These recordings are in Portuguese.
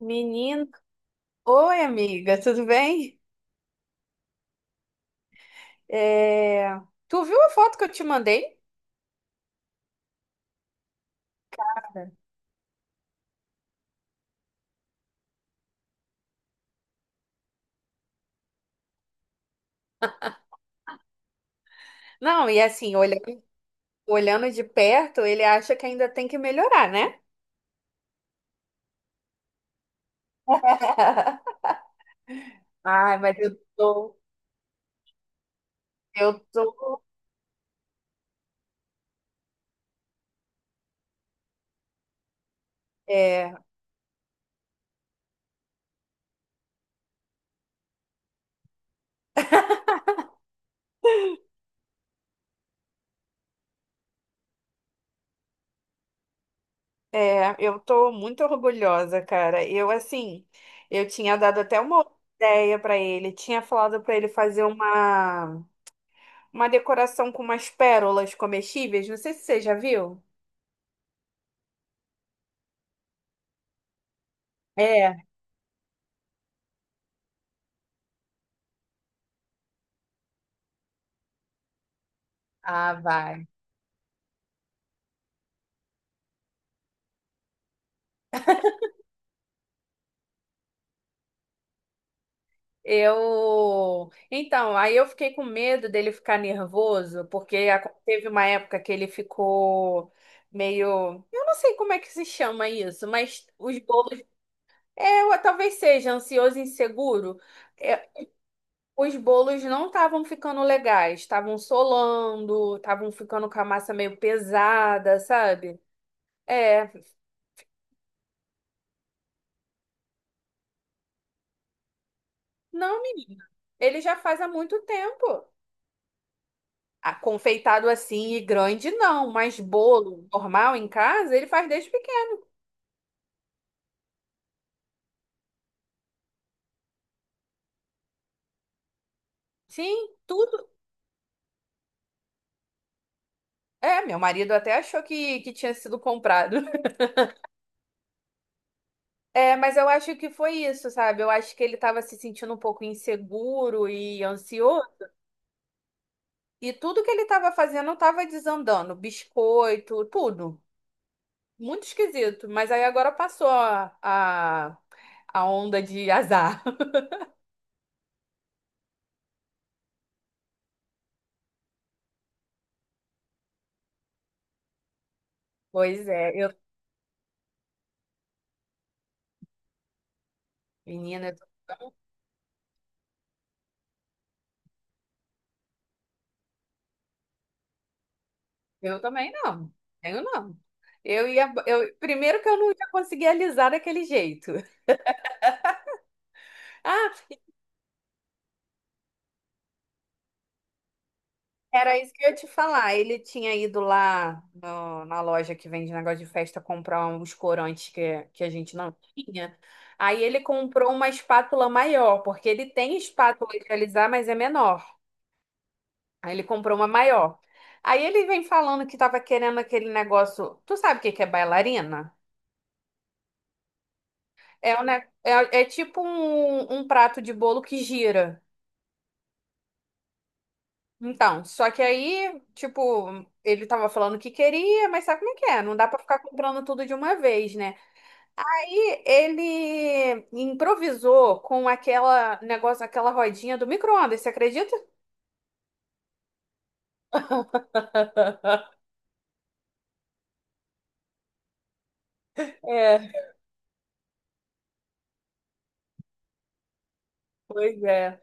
Menino, oi amiga, tudo bem? É. Tu viu a foto que eu te mandei? Não, e assim, olhando de perto, ele acha que ainda tem que melhorar, né? Ai, mas eu tô, é, eu tô muito orgulhosa, cara. Eu assim, eu tinha dado até uma ideia pra ele, tinha falado pra ele fazer uma decoração com umas pérolas comestíveis, não sei se você já viu. É. Ah, vai. Eu. Então, aí eu fiquei com medo dele ficar nervoso, porque teve uma época que ele ficou meio. Eu não sei como é que se chama isso, mas os bolos. É, ou talvez seja ansioso e inseguro. É, os bolos não estavam ficando legais, estavam solando, estavam ficando com a massa meio pesada, sabe? É. Não, menina. Ele já faz há muito tempo. Ah, confeitado assim e grande, não, mas bolo normal em casa, ele faz desde pequeno. Sim, tudo. É, meu marido até achou que tinha sido comprado. É, mas eu acho que foi isso, sabe? Eu acho que ele estava se sentindo um pouco inseguro e ansioso, e tudo que ele estava fazendo estava desandando, biscoito, tudo. Muito esquisito, mas aí agora passou a onda de azar. Pois é, menina, eu também não. Tenho não. Eu ia. Primeiro que eu não ia conseguir alisar daquele jeito. Ah, era isso que eu ia te falar. Ele tinha ido lá na loja que vende negócio de festa comprar uns corantes que a gente não tinha. Aí ele comprou uma espátula maior, porque ele tem espátula de alisar, mas é menor. Aí ele comprou uma maior. Aí ele vem falando que tava querendo aquele negócio. Tu sabe o que que é bailarina? É, é tipo um prato de bolo que gira. Então, só que aí, tipo, ele tava falando que queria, mas sabe como é que é? Não dá pra ficar comprando tudo de uma vez, né? Aí ele improvisou com aquela negócio, aquela rodinha do micro-ondas, você acredita? É, pois é.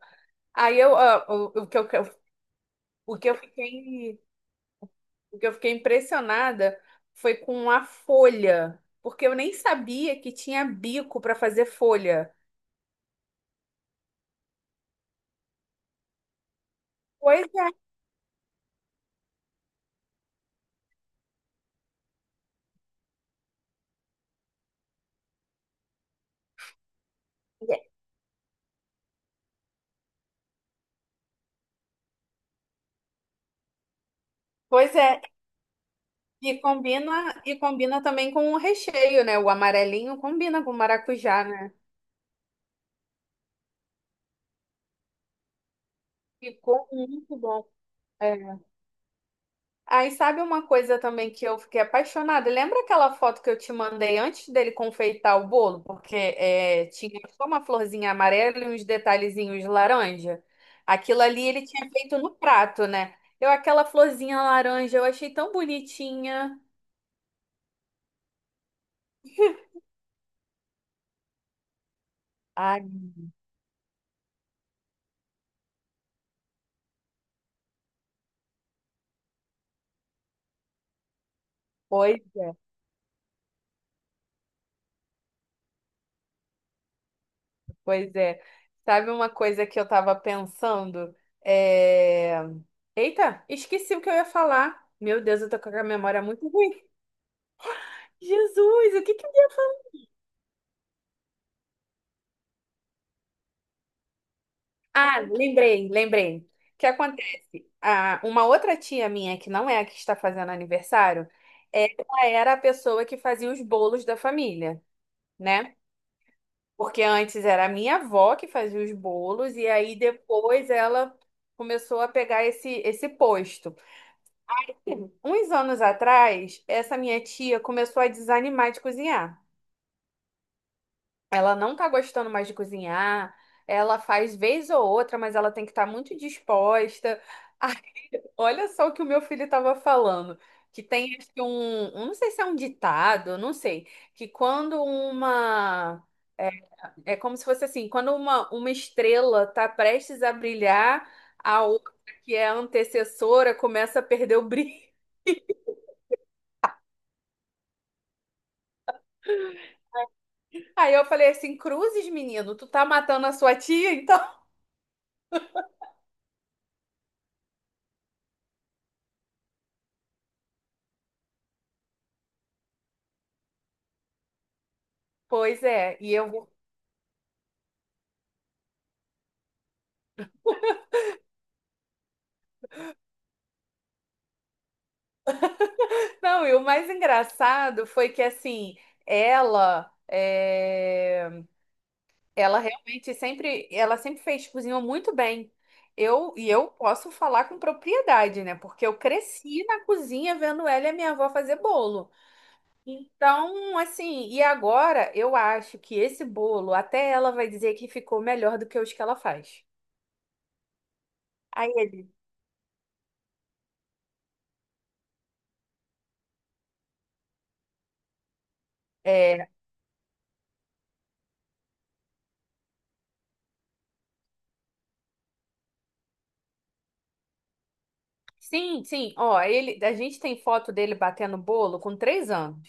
Aí eu, ah, o que eu, o que eu fiquei, o que eu fiquei impressionada foi com a folha, porque eu nem sabia que tinha bico pra fazer folha. Pois é. Pois é. E combina também com o recheio, né? O amarelinho combina com o maracujá, né? Ficou muito bom. É. Aí sabe uma coisa também que eu fiquei apaixonada? Lembra aquela foto que eu te mandei antes dele confeitar o bolo? Porque é, tinha só uma florzinha amarela e uns detalhezinhos laranja. Aquilo ali ele tinha feito no prato, né? Eu, aquela florzinha laranja, eu achei tão bonitinha. Ai, pois é. Pois é. Sabe uma coisa que eu tava pensando? É... Eita, esqueci o que eu ia falar. Meu Deus, eu tô com a memória muito ruim. Jesus, o que que... Ah, lembrei, lembrei. O que acontece? Ah, uma outra tia minha, que não é a que está fazendo aniversário, ela era a pessoa que fazia os bolos da família, né? Porque antes era a minha avó que fazia os bolos, e aí depois ela começou a pegar esse posto. Uns anos atrás, essa minha tia começou a desanimar de cozinhar. Ela não tá gostando mais de cozinhar. Ela faz vez ou outra, mas ela tem que estar muito disposta. Aí, olha só o que o meu filho estava falando. Que tem acho que não sei se é um ditado, não sei, que quando uma é é como se fosse assim, quando uma estrela está prestes a brilhar, a outra, que é a antecessora, começa a perder o brilho. Aí eu falei assim, cruzes, menino, tu tá matando a sua tia, então? Pois é, e eu vou. Não, e o mais engraçado foi que assim, ela, é, ela realmente sempre, ela sempre fez cozinha muito bem. Eu posso falar com propriedade, né? Porque eu cresci na cozinha vendo ela e a minha avó fazer bolo. Então, assim, e agora eu acho que esse bolo, até ela vai dizer que ficou melhor do que os que ela faz. Aí ele. eh, Sim, sim. Ó, ele, a gente tem foto dele batendo bolo com 3 anos.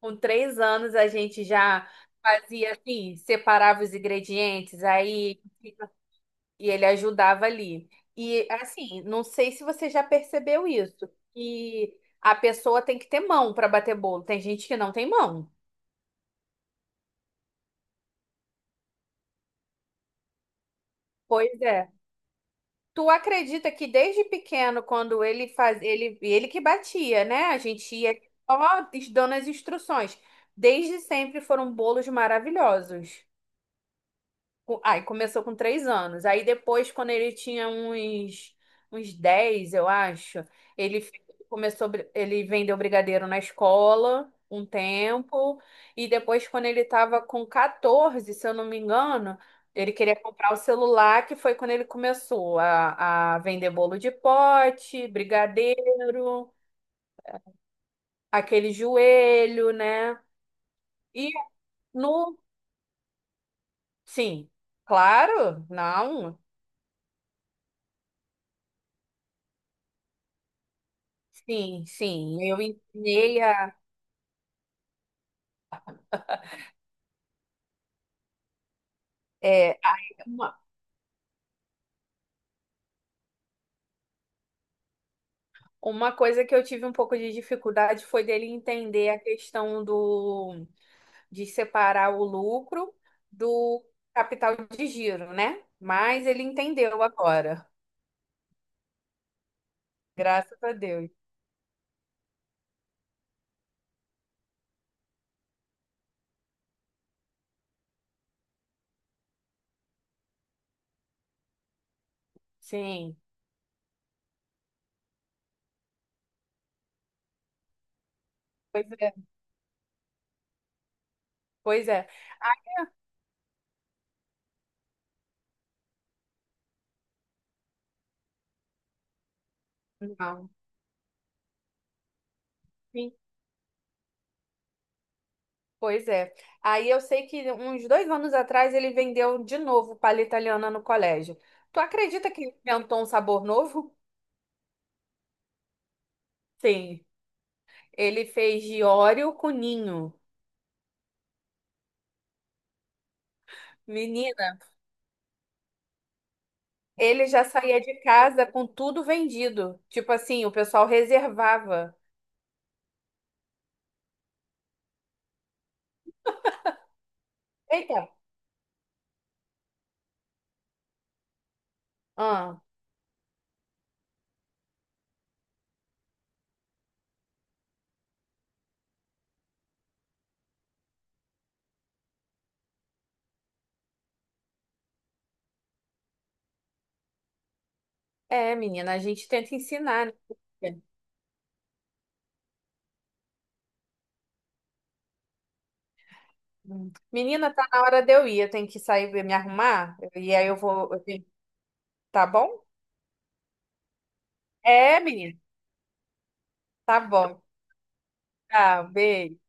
Com três anos a gente já fazia assim, separava os ingredientes, aí e ele ajudava ali. E assim, não sei se você já percebeu isso, que a pessoa tem que ter mão para bater bolo. Tem gente que não tem mão. Pois é. Tu acredita que desde pequeno, quando ele faz, ele que batia, né? A gente ia só dando as instruções. Desde sempre foram bolos maravilhosos. Aí começou com 3 anos. Aí depois, quando ele tinha uns 10, eu acho, ele f- começou, ele vendeu brigadeiro na escola um tempo. E depois, quando ele estava com 14, se eu não me engano, ele queria comprar o celular, que foi quando ele começou a vender bolo de pote, brigadeiro, aquele joelho, né? E no. Sim, claro, não. Sim, sim. Eu ensinei a, é, a- uma, uma coisa que eu tive um pouco de dificuldade foi dele entender a questão do de separar o lucro do capital de giro, né? Mas ele entendeu agora, graças a Deus. Sim, pois é, pois é. Não, sim, pois é. Aí eu sei que uns 2 anos atrás ele vendeu de novo palha italiana no colégio. Tu acredita que ele inventou um sabor novo? Sim. Ele fez de Oreo com Ninho. Menina, ele já saía de casa com tudo vendido. Tipo assim, o pessoal reservava. Eita. Ah, é, menina, a gente tenta ensinar, né? Menina, tá na hora de eu ir. Eu tenho que sair e me arrumar. E aí eu vou. Tá bom? É, menina. Tá bom. Tá, beijo.